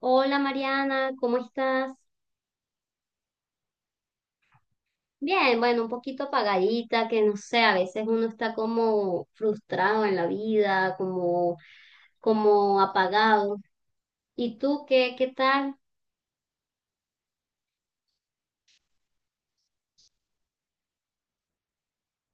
Hola Mariana, ¿cómo estás? Bien, bueno, un poquito apagadita, que no sé, a veces uno está como frustrado en la vida, como, como apagado. ¿Y tú qué tal?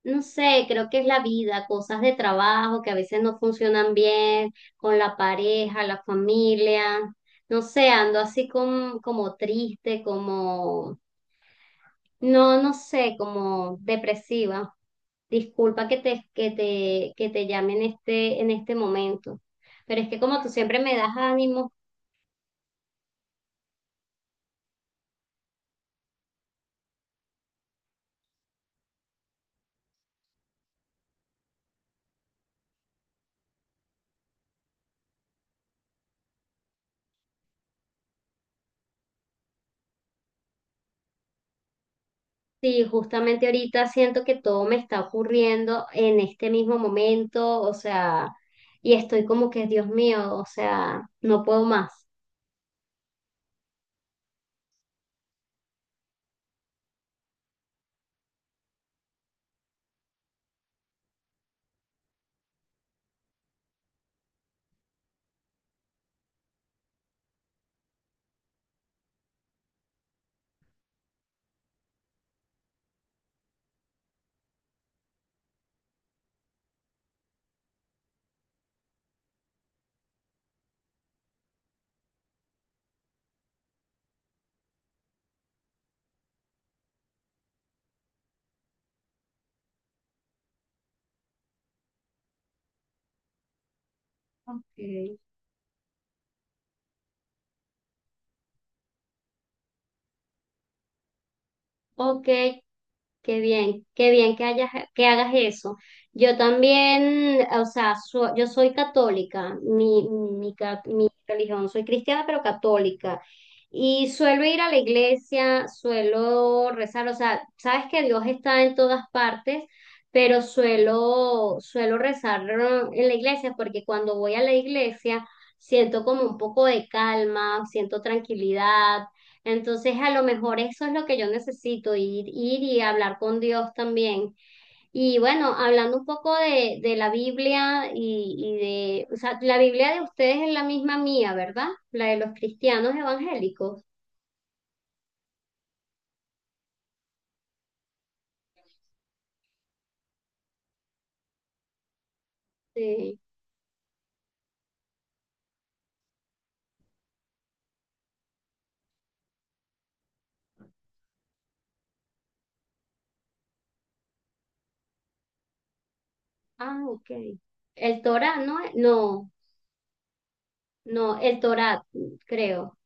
No sé, creo que es la vida, cosas de trabajo que a veces no funcionan bien, con la pareja, la familia. No sé, ando así como triste, no sé, como depresiva. Disculpa que te llame en este momento, pero es que como tú siempre me das ánimo. Sí, justamente ahorita siento que todo me está ocurriendo en este mismo momento, o sea, y estoy como que, Dios mío, o sea, no puedo más. Ok. Ok. Qué bien que hagas eso. Yo también, o sea, yo soy católica, mi religión, soy cristiana pero católica. Y suelo ir a la iglesia, suelo rezar, o sea, sabes que Dios está en todas partes, pero suelo rezar, ¿no? En la iglesia, porque cuando voy a la iglesia siento como un poco de calma, siento tranquilidad, entonces, a lo mejor eso es lo que yo necesito, ir y hablar con Dios también. Y bueno, hablando un poco de la Biblia y o sea, la Biblia de ustedes es la misma mía, ¿verdad? La de los cristianos evangélicos. Sí. Ah, ok. El Torá, ¿no? No, no, el Torá, creo,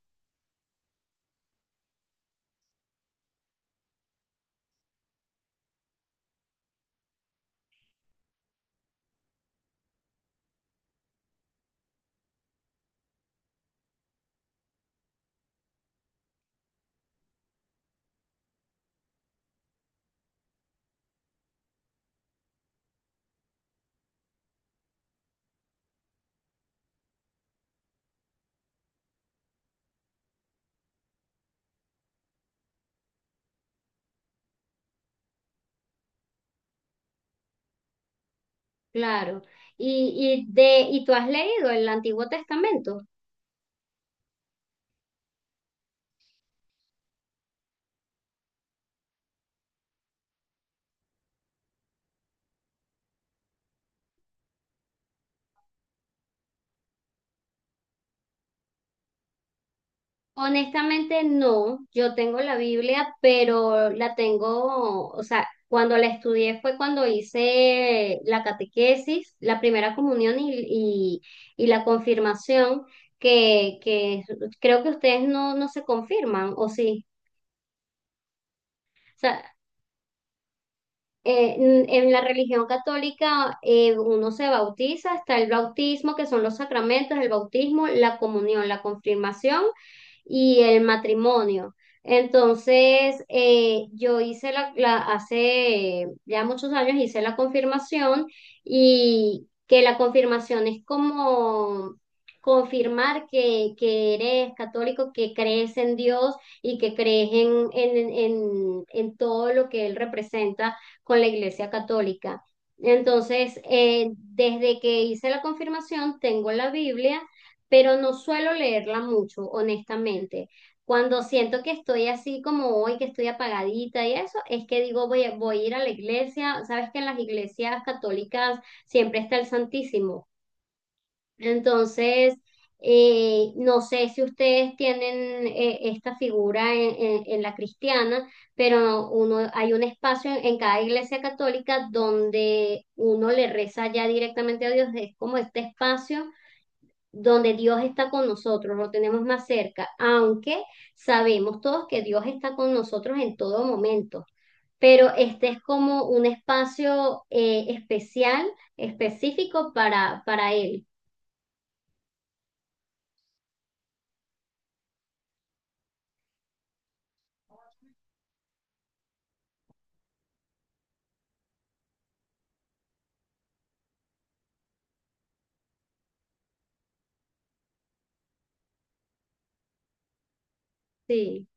claro. ¿Y tú has leído el Antiguo Testamento? Honestamente no, yo tengo la Biblia, pero la tengo, o sea, cuando la estudié fue cuando hice la catequesis, la primera comunión y la confirmación, que creo que ustedes no se confirman, ¿o sí? O sea, en la religión católica, uno se bautiza, está el bautismo, que son los sacramentos, el bautismo, la comunión, la confirmación y el matrimonio. Entonces, yo hice hace ya muchos años hice la confirmación, y que la confirmación es como confirmar que eres católico, que crees en Dios y que crees en todo lo que Él representa, con la Iglesia Católica. Entonces, desde que hice la confirmación, tengo la Biblia pero no suelo leerla mucho, honestamente. Cuando siento que estoy así como hoy, que estoy apagadita y eso, es que digo, voy a ir a la iglesia. Sabes que en las iglesias católicas siempre está el Santísimo. Entonces, no sé si ustedes tienen, esta figura en la cristiana, pero uno, hay un espacio en cada iglesia católica donde uno le reza ya directamente a Dios. Es como este espacio donde Dios está con nosotros, lo tenemos más cerca, aunque sabemos todos que Dios está con nosotros en todo momento. Pero este es como un espacio, especial, específico para Él. Sí,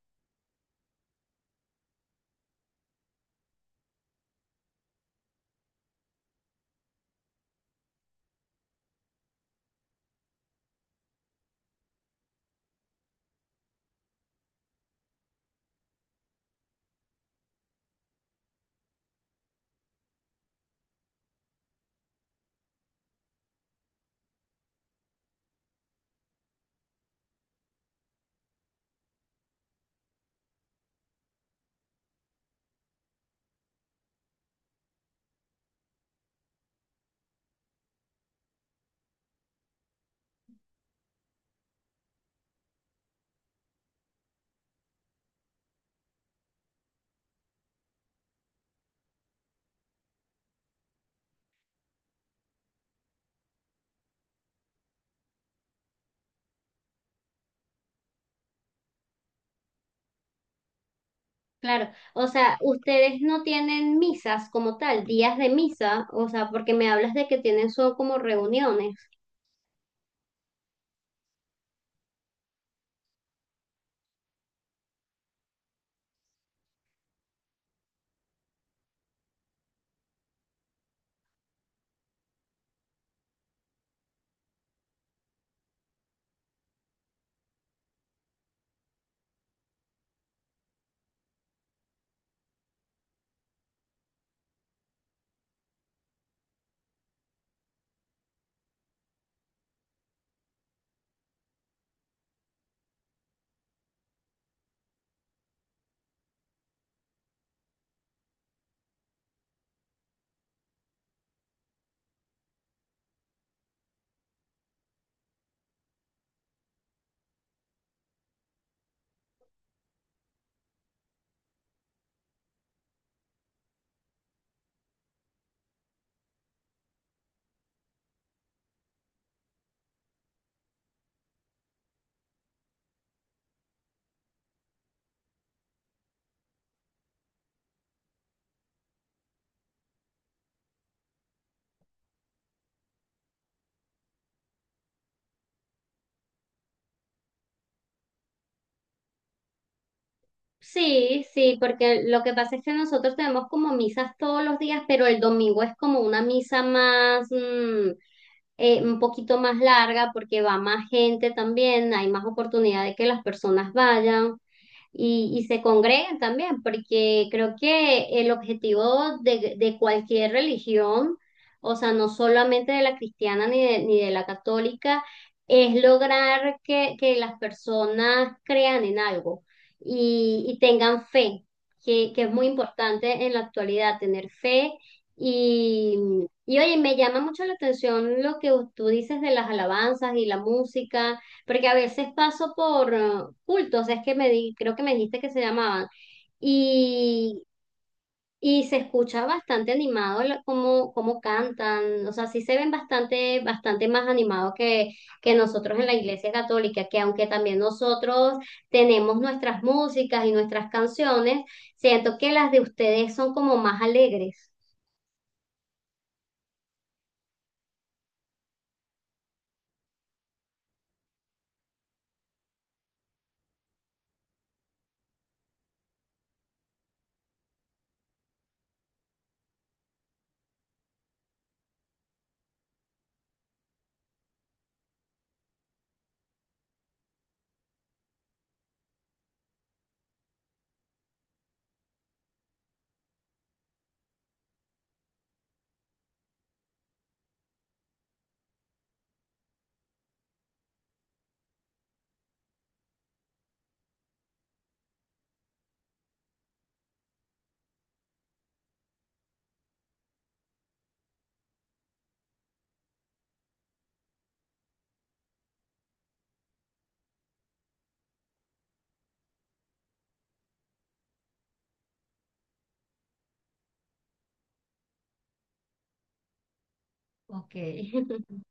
claro. O sea, ustedes no tienen misas como tal, días de misa, o sea, porque me hablas de que tienen son como reuniones. Sí, sí, porque lo que pasa es que nosotros tenemos como misas todos los días, pero el domingo es como una misa más, mm, un poquito más larga porque va más gente también, hay más oportunidad de que las personas vayan y, se congregan también, porque creo que el objetivo de cualquier religión, o sea, no solamente de la cristiana ni de la católica, es lograr que las personas crean en algo y, tengan fe, que es muy importante en la actualidad, tener fe. Y, y oye, me llama mucho la atención lo que tú dices de las alabanzas y la música porque a veces paso por cultos, es que me di, creo que me dijiste que se llamaban, y, y se escucha bastante animado, cómo, cómo cantan, o sea, sí se ven bastante, bastante más animados que nosotros en la Iglesia Católica, que aunque también nosotros tenemos nuestras músicas y nuestras canciones, siento que las de ustedes son como más alegres. Ok.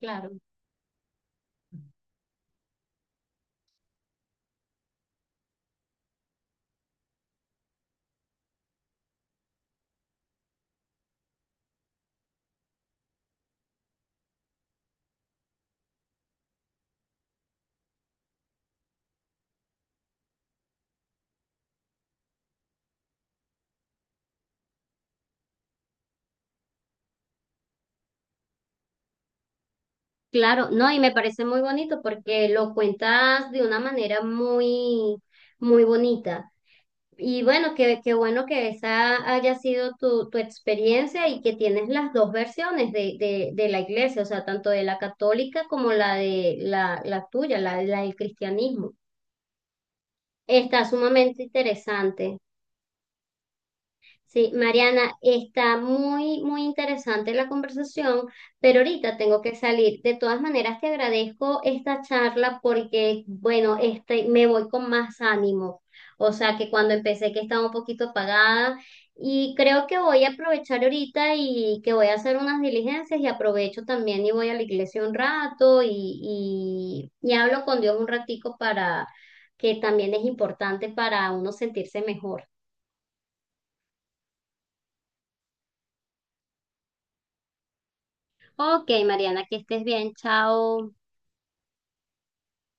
Claro. Claro, no, y me parece muy bonito porque lo cuentas de una manera muy, muy bonita. Y bueno, qué bueno que esa haya sido tu experiencia y que tienes las dos versiones de la iglesia, o sea, tanto de la católica como la de la tuya, la del cristianismo. Está sumamente interesante. Sí, Mariana, está muy interesante la conversación, pero ahorita tengo que salir. De todas maneras, te agradezco esta charla porque, bueno, este, me voy con más ánimo. O sea, que cuando empecé que estaba un poquito apagada y creo que voy a aprovechar ahorita y que voy a hacer unas diligencias y aprovecho también y voy a la iglesia un rato y hablo con Dios un ratico, para que también es importante para uno sentirse mejor. Ok, Mariana, que estés bien. Chao.